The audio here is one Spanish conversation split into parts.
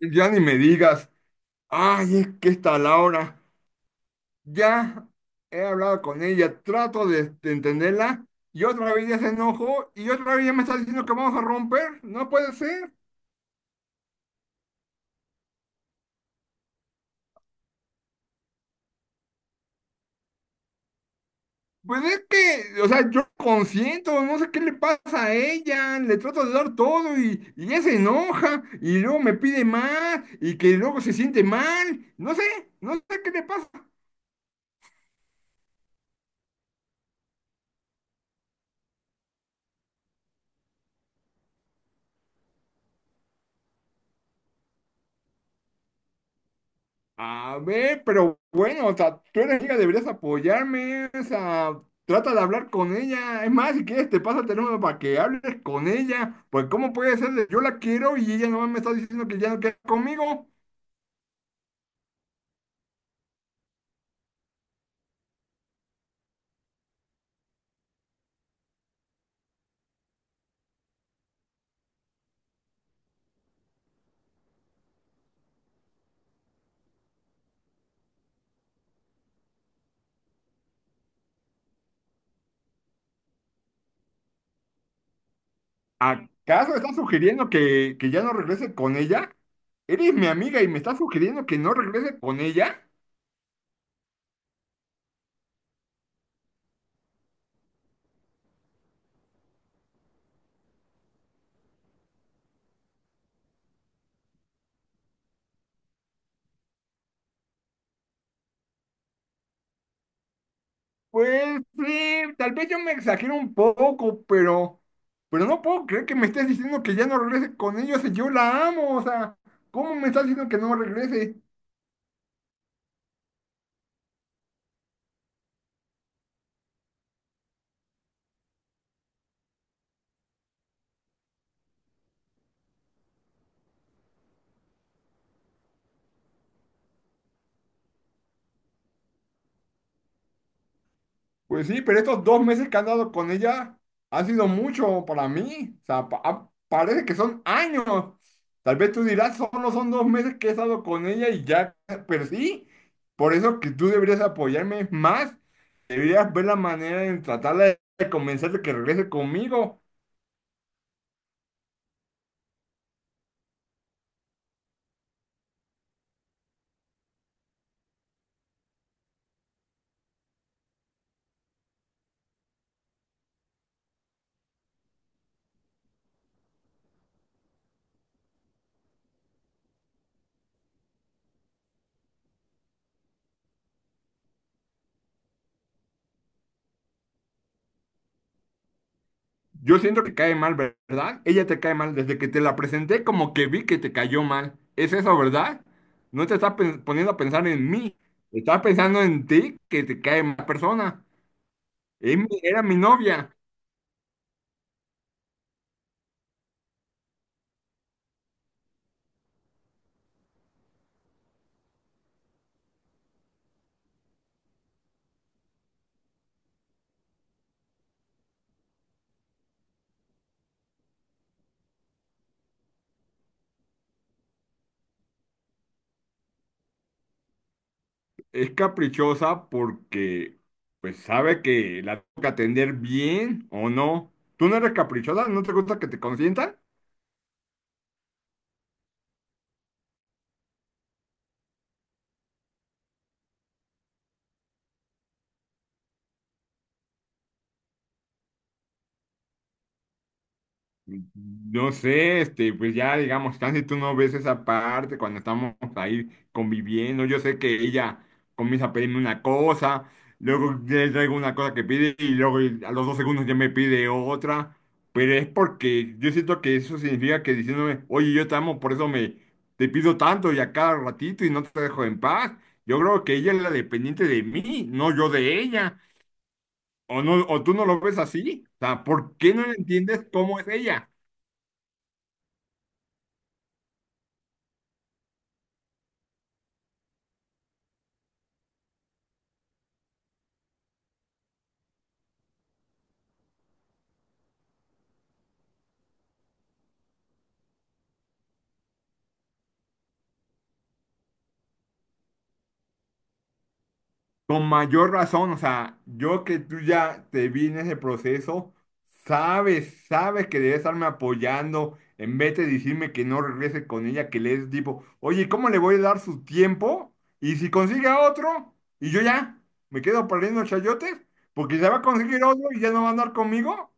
Ya ni me digas, ay, es que esta Laura, ya he hablado con ella, trato de entenderla, y otra vez ya se enojó, y otra vez ya me está diciendo que vamos a romper, no puede ser. Pues es que, o sea, yo consiento, no sé qué le pasa a ella, le trato de dar todo y ella se enoja, y luego me pide más, y que luego se siente mal, no sé, no sé qué le pasa. A ver, pero bueno, o sea, tú eres amiga, deberías apoyarme, o sea, trata de hablar con ella. Es más, si quieres, te pasa el teléfono para que hables con ella. Pues, ¿cómo puede ser? De yo la quiero y ella no me está diciendo que ya no quiere conmigo. ¿Acaso estás sugiriendo que ya no regrese con ella? Eres mi amiga y me estás sugiriendo que no regrese con ella. Pues sí, tal vez yo me exagero un poco, pero no puedo creer que me estés diciendo que ya no regrese con ellos y yo la amo, o sea, ¿cómo me estás diciendo que no regrese? Pues sí, pero estos dos meses que han dado con ella han sido mucho para mí, o sea, parece que son años. Tal vez tú dirás, solo son dos meses que he estado con ella y ya, pero sí, por eso que tú deberías apoyarme más, deberías ver la manera de tratarla de convencer de que regrese conmigo. Yo siento que cae mal, ¿verdad? Ella te cae mal. Desde que te la presenté, como que vi que te cayó mal. ¿Es eso, verdad? No te estás poniendo a pensar en mí. Estás pensando en ti, que te cae mal persona. Era mi novia. Es caprichosa porque, pues, sabe que la tengo que atender bien o no. ¿Tú no eres caprichosa? ¿No te gusta que te consientan? No sé, este, pues ya digamos, casi tú no ves esa parte cuando estamos ahí conviviendo. Yo sé que ella comienza a pedirme una cosa, luego le traigo una cosa que pide y luego a los dos segundos ya me pide otra. Pero es porque yo siento que eso significa que diciéndome, oye, yo te amo, por eso me te pido tanto y a cada ratito y no te dejo en paz. Yo creo que ella es la dependiente de mí, no yo de ella. O no, o tú no lo ves así. O sea, ¿por qué no entiendes cómo es ella? Con mayor razón, o sea, yo que tú ya te vi en ese proceso, sabes, sabes que debes estarme apoyando en vez de decirme que no regrese con ella, que le es tipo, oye, ¿cómo le voy a dar su tiempo? Y si consigue a otro, y yo ya me quedo perdiendo chayotes, porque ya va a conseguir otro y ya no va a andar conmigo.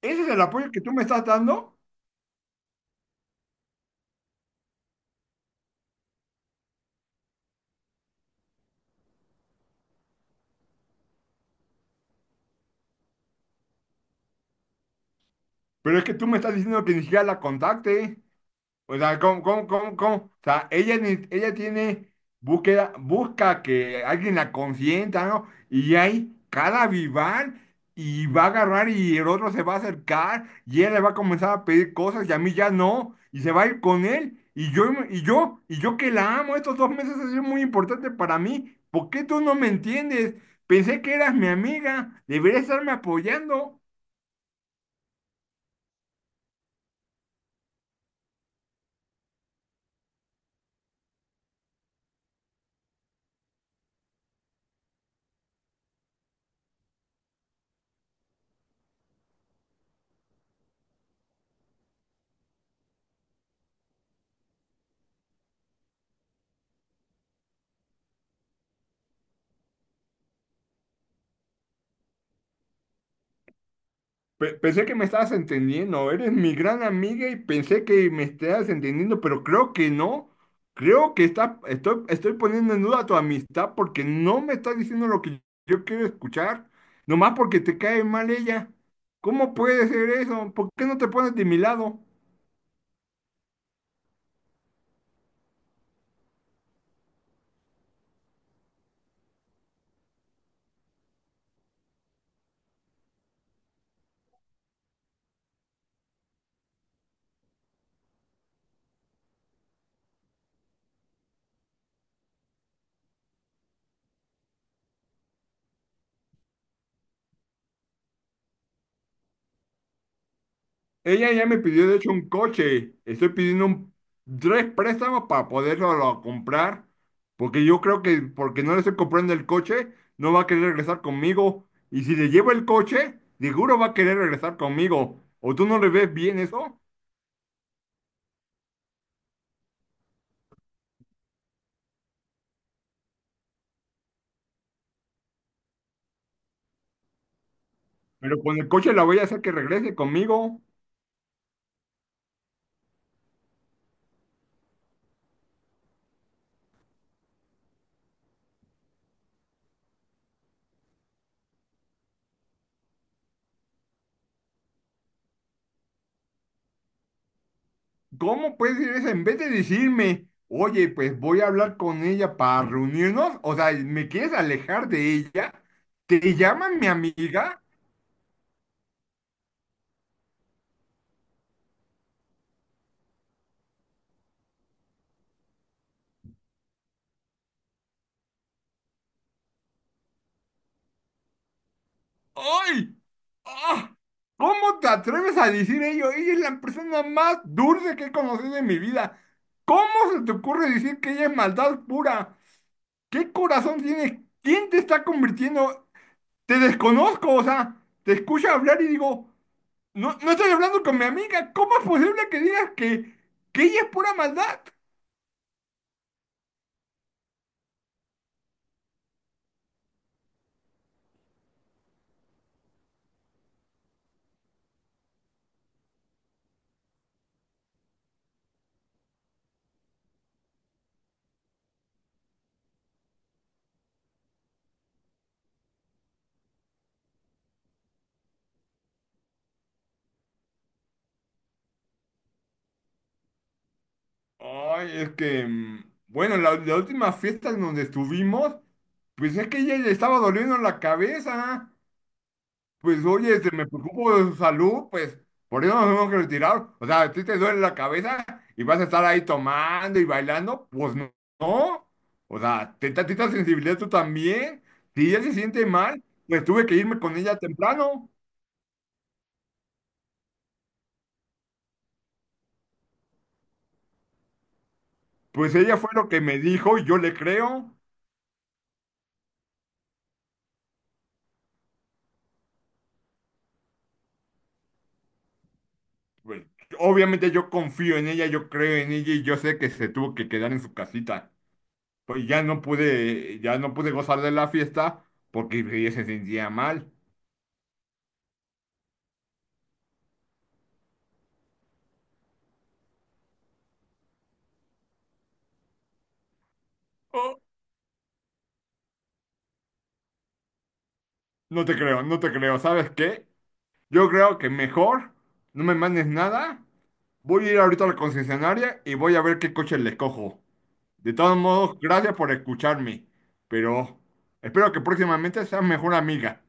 Ese es el apoyo que tú me estás dando, pero es que tú me estás diciendo que ni siquiera la contacte. O sea, ¿cómo? O sea, ella, ella tiene búsqueda, busca que alguien la consienta, ¿no? Y hay cada vivar y va a agarrar y el otro se va a acercar y ella le va a comenzar a pedir cosas y a mí ya no. Y se va a ir con él. Y yo que la amo, estos dos meses han sido muy importantes para mí. ¿Por qué tú no me entiendes? Pensé que eras mi amiga, deberías estarme apoyando. Pensé que me estabas entendiendo, eres mi gran amiga y pensé que me estabas entendiendo, pero creo que no. Creo que estoy poniendo en duda tu amistad porque no me estás diciendo lo que yo quiero escuchar, nomás porque te cae mal ella. ¿Cómo puede ser eso? ¿Por qué no te pones de mi lado? Ella ya me pidió, de hecho, un coche. Estoy pidiendo tres préstamos para comprar. Porque yo creo que porque no le estoy comprando el coche, no va a querer regresar conmigo. Y si le llevo el coche, seguro va a querer regresar conmigo. ¿O tú no le ves bien eso? Pero con el coche la voy a hacer que regrese conmigo. ¿Cómo puedes decir eso? En vez de decirme, oye, pues voy a hablar con ella para reunirnos. O sea, ¿me quieres alejar de ella? ¿Te llama mi amiga? ¡Ay! ¡Ah! ¿Cómo te atreves a decir ello? Ella es la persona más dulce que he conocido en mi vida. ¿Cómo se te ocurre decir que ella es maldad pura? ¿Qué corazón tienes? ¿Quién te está convirtiendo? Te desconozco, o sea, te escucho hablar y digo, no, no estoy hablando con mi amiga. ¿Cómo es posible que digas que ella es pura maldad? Ay, es que, bueno, la última fiesta en donde estuvimos, pues es que ella le estaba doliendo la cabeza. Pues oye, este, me preocupo de su salud, pues por eso nos tenemos que retirar. O sea, a ti te duele la cabeza y vas a estar ahí tomando y bailando, pues no. No. O sea, ten tantita sensibilidad tú también. Si ella se siente mal, pues tuve que irme con ella temprano. Pues ella fue lo que me dijo y yo le creo. Pues, obviamente yo confío en ella, yo creo en ella y yo sé que se tuvo que quedar en su casita. Ya no pude gozar de la fiesta porque ella se sentía mal. No te creo, no te creo. ¿Sabes qué? Yo creo que mejor no me mandes nada. Voy a ir ahorita a la concesionaria y voy a ver qué coche le cojo. De todos modos, gracias por escucharme. Pero espero que próximamente seas mejor amiga.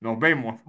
Nos vemos.